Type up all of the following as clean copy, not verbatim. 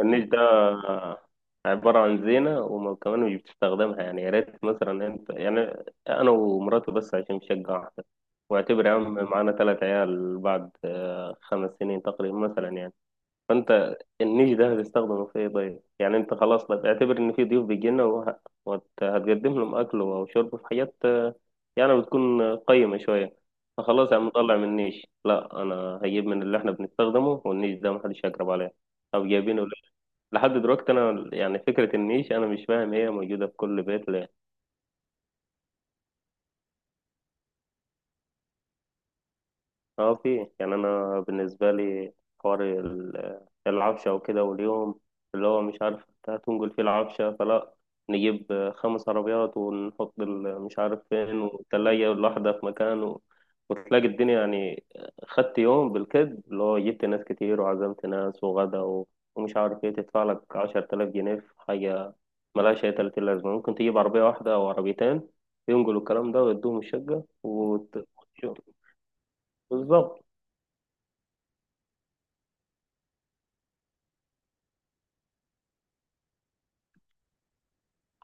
النيش ده عبارة عن زينة، وكمان مش بتستخدمها. يعني يا ريت مثلا انت يعني انا ومراتي بس، عشان شقة واحدة. واعتبر يا عم معانا 3 عيال بعد 5 سنين تقريبا مثلا يعني. فانت النيش ده هتستخدمه في ايه؟ طيب يعني انت خلاص، لا اعتبر ان في ضيوف بيجينا وهتقدم لهم اكل وشرب في حاجات يعني بتكون قيمة شوية. فخلاص يا عم طلع من النيش، لا انا هجيب من اللي احنا بنستخدمه، والنيش ده محدش هيقرب عليه او جايبينه لحد دلوقتي. انا يعني فكره النيش انا مش فاهم، هي موجوده في كل بيت. اه في، يعني انا بالنسبه لي حوار العفشه وكده، واليوم اللي هو مش عارف انت هتنقل فيه العفشه فلا. نجيب 5 عربيات ونحط مش عارف فين، والتلاجة الواحدة في مكان وتلاقي الدنيا يعني خدت يوم بالكد، اللي هو جبت ناس كتير وعزمت ناس وغدا ومش عارف ايه، تدفع لك 10,000 جنيه في حاجة ملهاش أي تلاتين لازمة. ممكن تجيب عربية واحدة أو عربيتين ينقلوا الكلام ده ويدوهم الشقة بالظبط.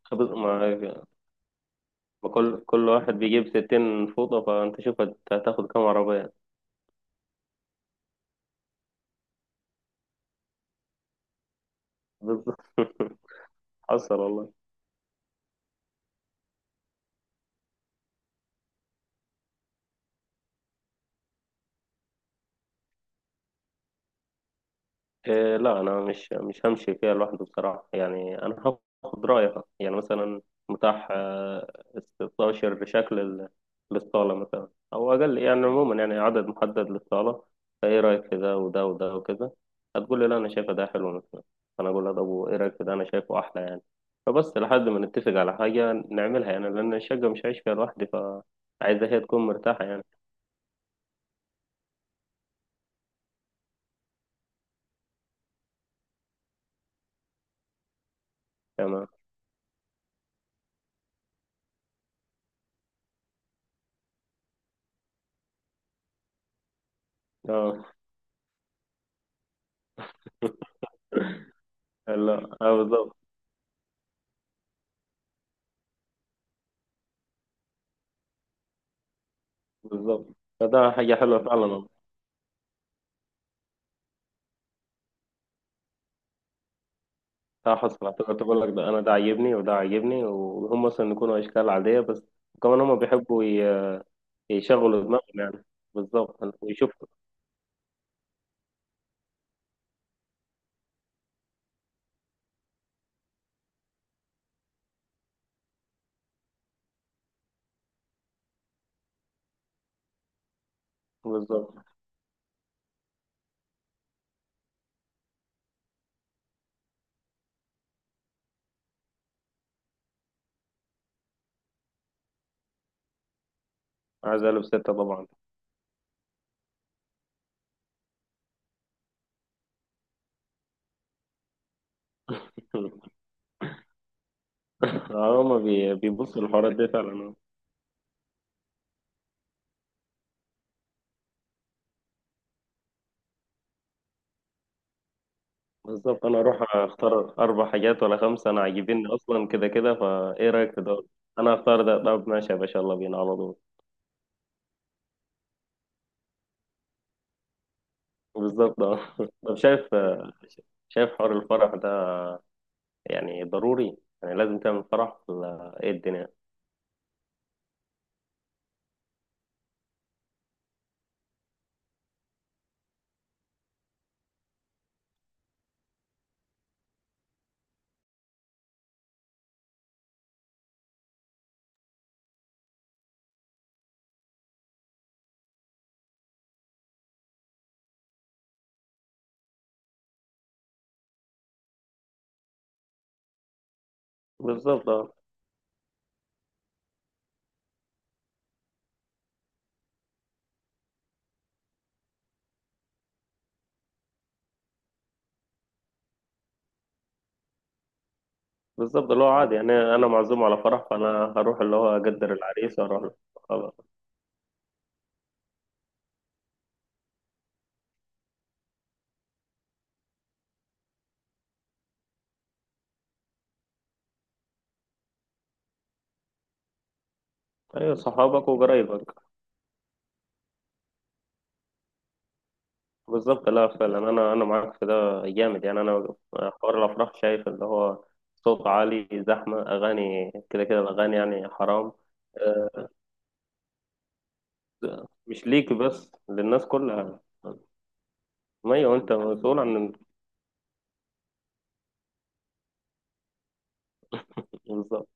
خبز ما كل واحد بيجيب 60 فوطة، فأنت شوف هتاخد كام عربية؟ بالظبط حصل والله. إيه لا انا مش همشي فيها لوحده بصراحه. يعني انا هاخد رايها، يعني مثلا متاح 16 شكل للصاله، مثلا او اقل يعني، عموما يعني عدد محدد للصاله. فايه رايك في ده وده وده وكذا؟ هتقول لي لا انا شايفه ده حلو مثلا، انا اقول لها طب وايه رايك في ده؟ انا شايفه احلى يعني. فبس لحد ما نتفق على حاجه نعملها يعني، لان الشقه مش هعيش فيها لوحدي، فعايزه هي تكون مرتاحه يعني. تمام. اه لا، اه بالظبط. بالظبط، فده حاجه حلوه فعلا. اه حصل اعتبرت، بقول لك ده انا ده عاجبني وده عاجبني، وهم مثلا يكونوا اشكال عاديه بس كمان هم بيحبوا يشغلوا دماغهم يعني. بالظبط ويشوفوا. بالظبط، عايز اقلب سته طبعا. اه هم بيبصوا للحوارات دي فعلا. بالظبط انا اروح اختار 4 حاجات ولا 5 انا عاجبيني اصلا كده كده، فايه رايك في ده؟ انا هختار ده، طب ماشي يا باشا، يلا بينا على طول. بالظبط اه طب شايف حوار الفرح ده، يعني ضروري؟ يعني لازم تعمل فرح ولا ايه الدنيا؟ بالظبط اه. بالظبط اللي هو عادي يعني، انا معزوم على فرح فانا هروح اللي هو اقدر العريس واروح له. خلاص. ايوه صحابك وقرايبك. بالظبط، لا فعلا انا، انا معاك في ده. جامد يعني انا حوار الافراح، شايف اللي هو صوت عالي، زحمه، اغاني كده كده، الاغاني يعني حرام. آه، مش ليك بس، للناس كلها. ما هو انت مسؤول عن. بالظبط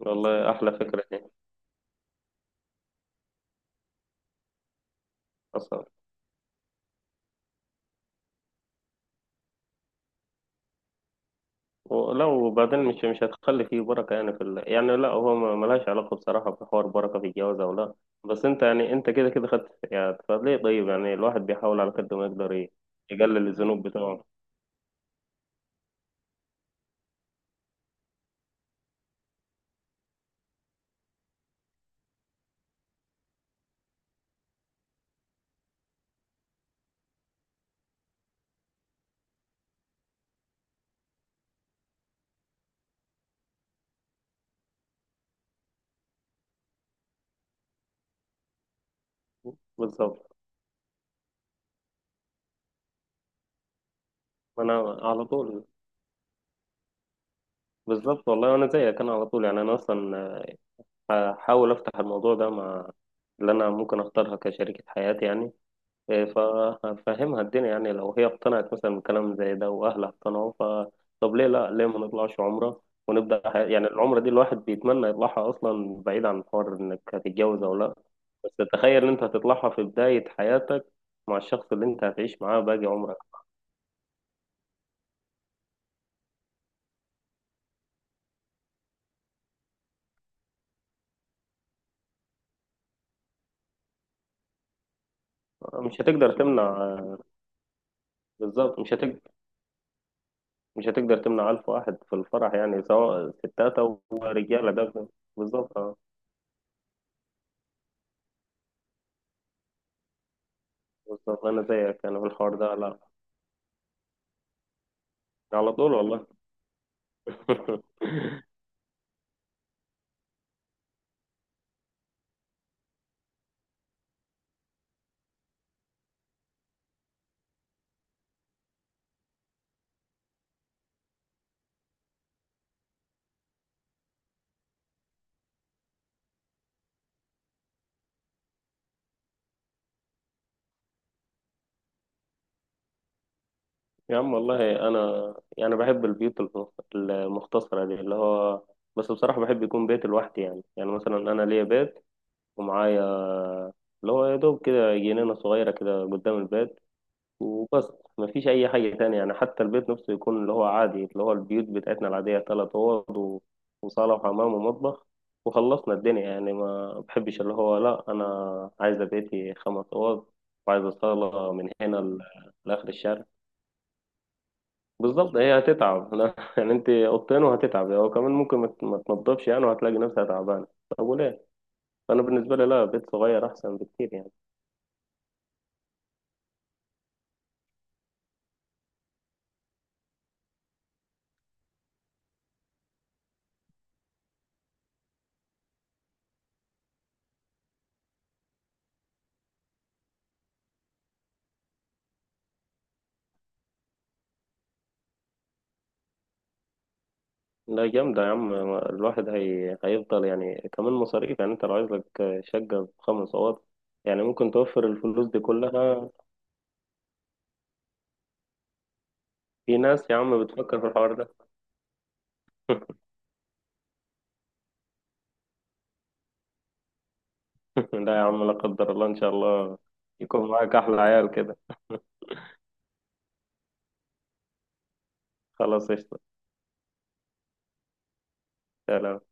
والله، احلى فكره دي. أصلاً. لا وبعدين مش هتخلي فيه بركة. يعني في يعني لا، هو ملهاش علاقة بصراحة بحوار بركة في الجواز أو لا. بس أنت يعني أنت كده كده خدت يعني، فليه طيب؟ يعني الواحد بيحاول على قد ما يقدر يقلل الذنوب بتاعه. بالظبط. أنا على طول. بالظبط والله، أنا زيك. أنا على طول يعني، أنا أصلا هحاول أفتح الموضوع ده مع اللي أنا ممكن أختارها كشريكة حياتي يعني. فهفهمها الدنيا يعني، لو هي اقتنعت مثلا بكلام زي ده واهلها اقتنعوا، ف طب ليه لا، ليه ما نطلعش عمره ونبدا يعني العمره دي الواحد بيتمنى يطلعها اصلا، بعيد عن حوار انك هتتجوز او لا. بس تخيل ان انت هتطلعها في بدايه حياتك مع الشخص اللي انت هتعيش معاه باقي عمرك. مش هتقدر تمنع. بالظبط مش هتقدر. مش هتقدر تمنع 1000 واحد في الفرح، يعني سواء ستات أو رجالة ده. بالظبط اه. بالظبط أنا زيك، أنا في الحوار ده لا. على طول والله يا عم والله انا يعني بحب البيوت المختصره دي، اللي هو بس بصراحه بحب يكون بيت لوحدي يعني. يعني مثلا انا ليا بيت ومعايا اللي هو يا دوب كده جنينه صغيره كده قدام البيت وبس. ما فيش اي حاجه تانية يعني. حتى البيت نفسه يكون اللي هو عادي، اللي هو البيوت بتاعتنا العاديه: 3 اوض وصاله وحمام ومطبخ، وخلصنا الدنيا يعني. ما بحبش اللي هو لا انا عايزه بيتي 5 اوض، وعايزه صاله من هنا لاخر الشارع. بالظبط هي هتتعب لا يعني انت اوضتين وهتتعب، هو كمان ممكن ما تنضفش يعني، وهتلاقي نفسها تعبانه. طب وليه؟ انا بالنسبه لي لا، بيت صغير احسن بكتير يعني. لا جامده يا عم. الواحد هيفضل يعني كمان مصاريف، يعني انت لو عايز لك شقه بخمس اوض يعني، ممكن توفر الفلوس دي كلها. في ناس يا عم بتفكر في الحوار ده لا يا عم، لا قدر الله، ان شاء الله يكون معاك احلى عيال كده خلاص قشطه. سلام.